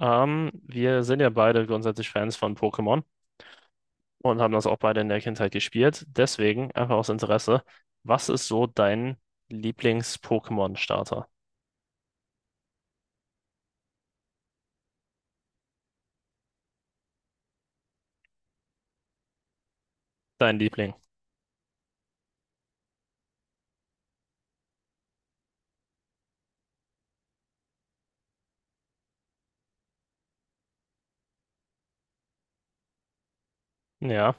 Wir sind ja beide grundsätzlich Fans von Pokémon und haben das auch beide in der Kindheit gespielt. Deswegen, einfach aus Interesse, was ist so dein Lieblings-Pokémon-Starter? Dein Liebling? Ja,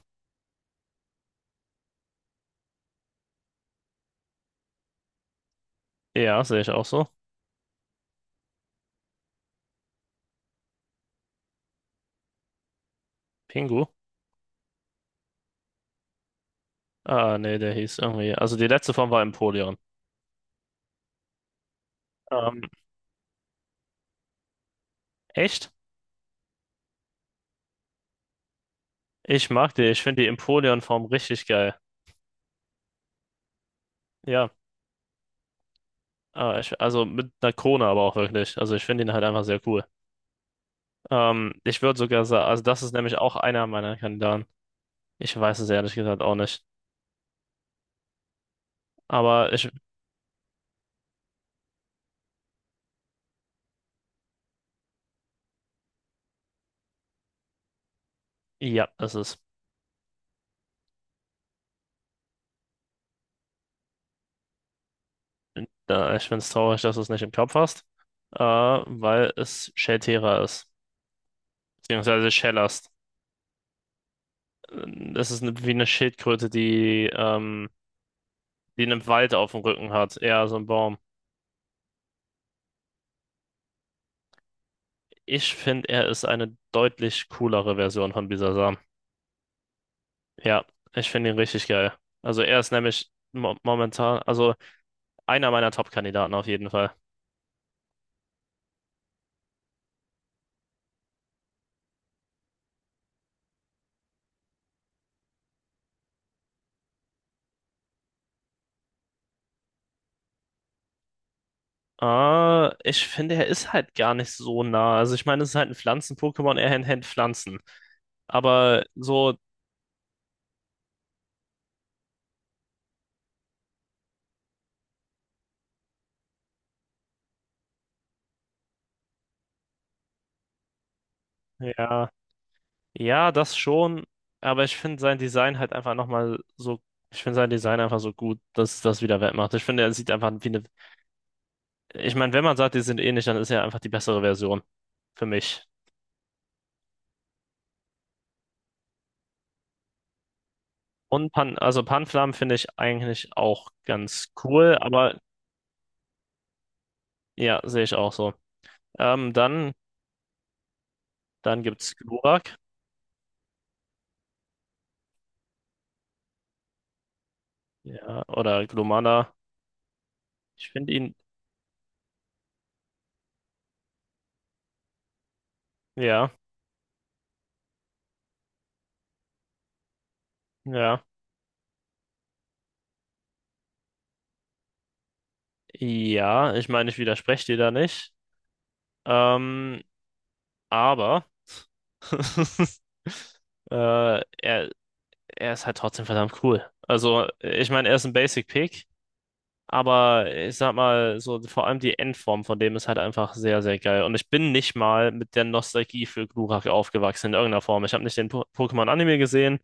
ja, sehe ich auch so. Pingu? Ah, nee, der hieß irgendwie. Also die letzte Form war Empoleon. Ähm, echt? Ich mag die. Ich finde die Empoleon-Form richtig geil. Ja, ah, ich, also mit einer Krone aber auch wirklich. Also ich finde ihn halt einfach sehr cool. Ich würde sogar sagen, also das ist nämlich auch einer meiner Kandidaten. Ich weiß es ehrlich gesagt auch nicht. Aber ich, ja, es ist, ich finde es traurig, dass du es nicht im Kopf hast, weil es Schelltierer ist, beziehungsweise Schellast. Es ist eine, wie eine Schildkröte, die, die einen Wald auf dem Rücken hat, eher so ein Baum. Ich finde, er ist eine deutlich coolere Version von Bisasam. Ja, ich finde ihn richtig geil. Also er ist nämlich mo momentan, also einer meiner Top-Kandidaten auf jeden Fall. Ich finde, er ist halt gar nicht so nah. Also ich meine, es ist halt ein Pflanzen-Pokémon, er hält Pflanzen. Aber so, ja, ja, das schon. Aber ich finde sein Design halt einfach nochmal so, ich finde sein Design einfach so gut, dass das wieder wettmacht. Ich finde, er sieht einfach wie eine, ich meine, wenn man sagt, die sind ähnlich, dann ist er einfach die bessere Version für mich. Und Pan, also Panflam finde ich eigentlich auch ganz cool, aber ja, sehe ich auch so. Ähm, dann, dann gibt's Glurak, ja, oder Glomanda. Ich finde ihn, ja, ja, ja, ich meine, ich widerspreche dir da nicht. Ähm, aber äh, er, er ist halt trotzdem verdammt cool. Also, ich meine, er ist ein Basic Pick, aber ich sag mal, so vor allem die Endform von dem ist halt einfach sehr, sehr geil. Und ich bin nicht mal mit der Nostalgie für Glurak aufgewachsen in irgendeiner Form. Ich habe nicht den Pokémon-Anime gesehen.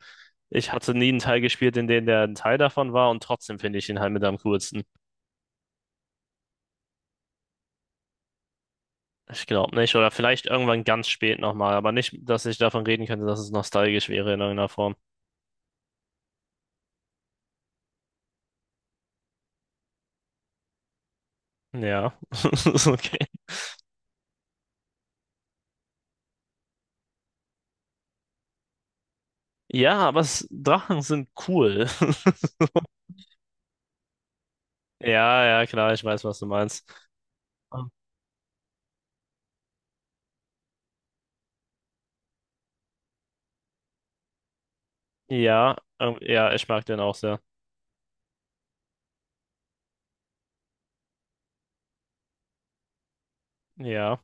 Ich hatte nie einen Teil gespielt, in dem der ein Teil davon war und trotzdem finde ich ihn halt mit am coolsten. Ich glaube nicht. Oder vielleicht irgendwann ganz spät nochmal. Aber nicht, dass ich davon reden könnte, dass es nostalgisch wäre in irgendeiner Form. Ja, ist okay. Ja, aber es, Drachen sind cool. Ja, ja, klar, ich weiß, was du meinst. Ja, ja, ich mag den auch sehr. Ja.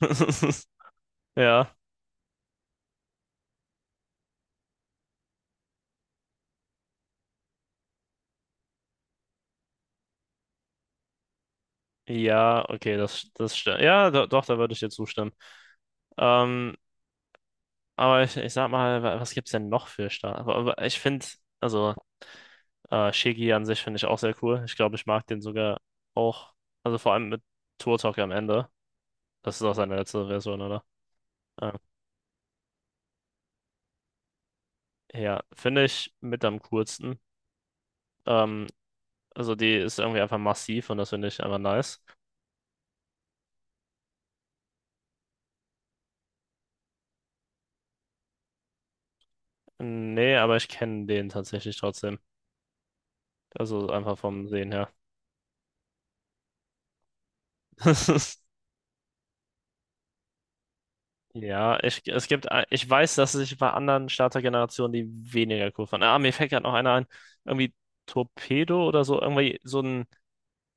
Ja, ja, okay, das, das stimmt. Ja, do, doch, da würde ich dir zustimmen. Ähm, Aber ich sag mal, was gibt's denn noch für Star? Aber ich finde, also Shiggy an sich finde ich auch sehr cool. Ich glaube, ich mag den sogar auch. Also vor allem mit Turtok Talk am Ende. Das ist auch seine letzte Version, oder? Ja, ja finde ich mit am coolsten. Ähm, also die ist irgendwie einfach massiv und das finde ich einfach nice. Nee, aber ich kenne den tatsächlich trotzdem. Also einfach vom Sehen her. Ja, ich, es gibt, ich weiß, dass sich bei anderen Startergenerationen die weniger cool fanden. Ah, mir fällt gerade noch einer ein. Irgendwie Torpedo oder so. Irgendwie so ein,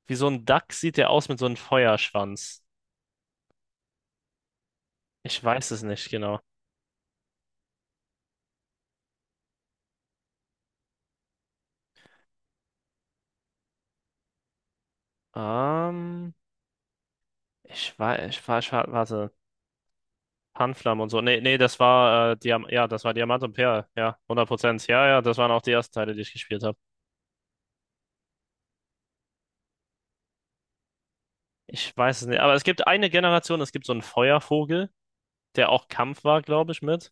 wie so ein Duck sieht der aus mit so einem Feuerschwanz. Ich weiß es nicht genau. Ähm, Ich weiß, ich war, warte. Panflam und so. Nee, nee, das war, Diam ja, das war Diamant und Perl. Ja, 100%. Ja, ja, das waren auch die ersten Teile, die ich gespielt habe. Ich weiß es nicht. Aber es gibt eine Generation, es gibt so einen Feuervogel, der auch Kampf war, glaube ich, mit.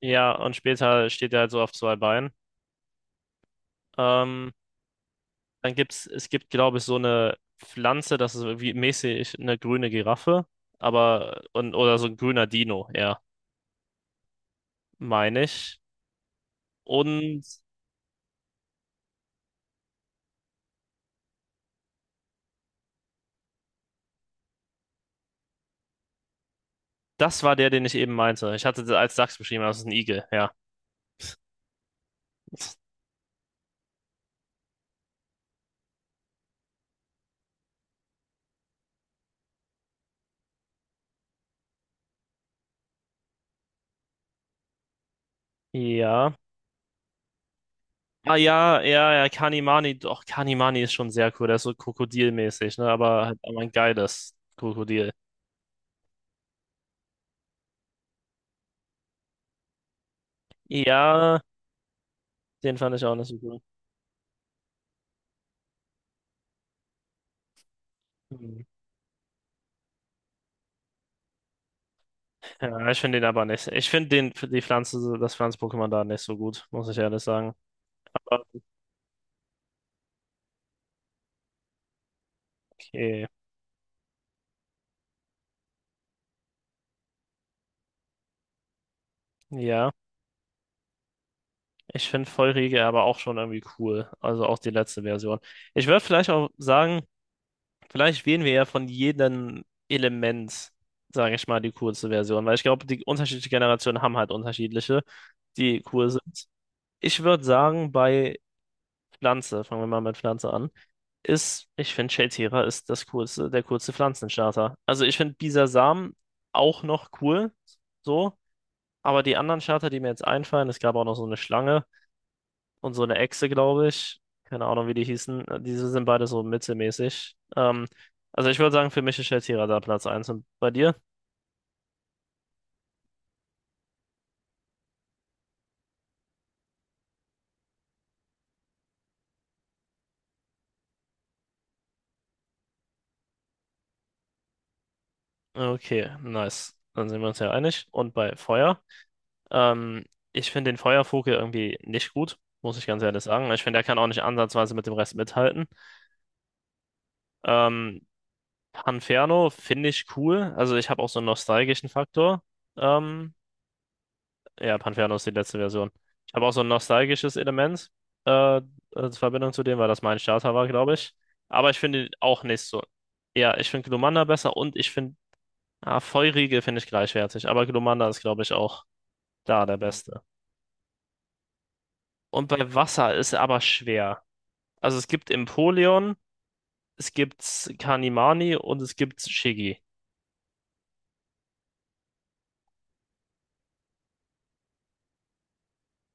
Ja, und später steht er halt so auf zwei Beinen. Ähm, es gibt, glaube ich, so eine Pflanze, das ist wie mäßig eine grüne Giraffe, aber, und, oder so ein grüner Dino, ja, meine ich. Und das war der, den ich eben meinte. Ich hatte das als Dachs beschrieben, aber das ist ein Igel, ja. Ja. Ah ja, ja, ja, Kanimani, doch, Kanimani ist schon sehr cool, der ist so krokodilmäßig, ne, aber halt aber ein geiles Krokodil. Ja, den fand ich auch nicht so cool. Ja, ich finde den aber nicht. Ich finde den, für die Pflanze, das Pflanz-Pokémon da nicht so gut, muss ich ehrlich sagen. Okay. Ja, ich finde Feurige aber auch schon irgendwie cool. Also auch die letzte Version. Ich würde vielleicht auch sagen, vielleicht wählen wir ja von jedem Element, sage ich mal, die coolste Version, weil ich glaube, die unterschiedlichen Generationen haben halt unterschiedliche, die cool sind. Ich würde sagen, bei Pflanze, fangen wir mal mit Pflanze an, ist, ich finde, Shadespira ist das coolste, der coolste Pflanzenstarter. Also ich finde Bisasam auch noch cool, so, aber die anderen Starter, die mir jetzt einfallen, es gab auch noch so eine Schlange und so eine Echse, glaube ich. Keine Ahnung, wie die hießen. Diese sind beide so mittelmäßig. Also ich würde sagen, für mich ist Shadespira da Platz eins und bei dir? Okay, nice. Dann sind wir uns ja einig. Und bei Feuer? Ähm, Ich finde den Feuervogel irgendwie nicht gut, muss ich ganz ehrlich sagen. Ich finde, er kann auch nicht ansatzweise mit dem Rest mithalten. Ähm, Panferno finde ich cool. Also ich habe auch so einen nostalgischen Faktor. Ähm, ja, Panferno ist die letzte Version. Ich habe auch so ein nostalgisches Element in Verbindung zu dem, weil das mein Starter war, glaube ich. Aber ich finde ihn auch nicht so. Ja, ich finde Glumanda besser und ich finde, ah, Feurige finde ich gleichwertig. Aber Glumanda ist, glaube ich, auch da der Beste. Und bei Wasser ist er aber schwer. Also es gibt Empoleon, es gibt Kanimani und es gibt Shiggy.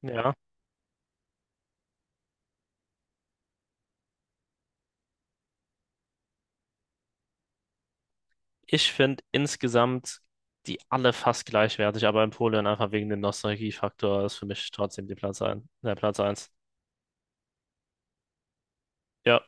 Ja. Ich finde insgesamt die alle fast gleichwertig, aber Empoleon einfach wegen dem Nostalgiefaktor ist für mich trotzdem die Platz ein, der Platz eins. Ja,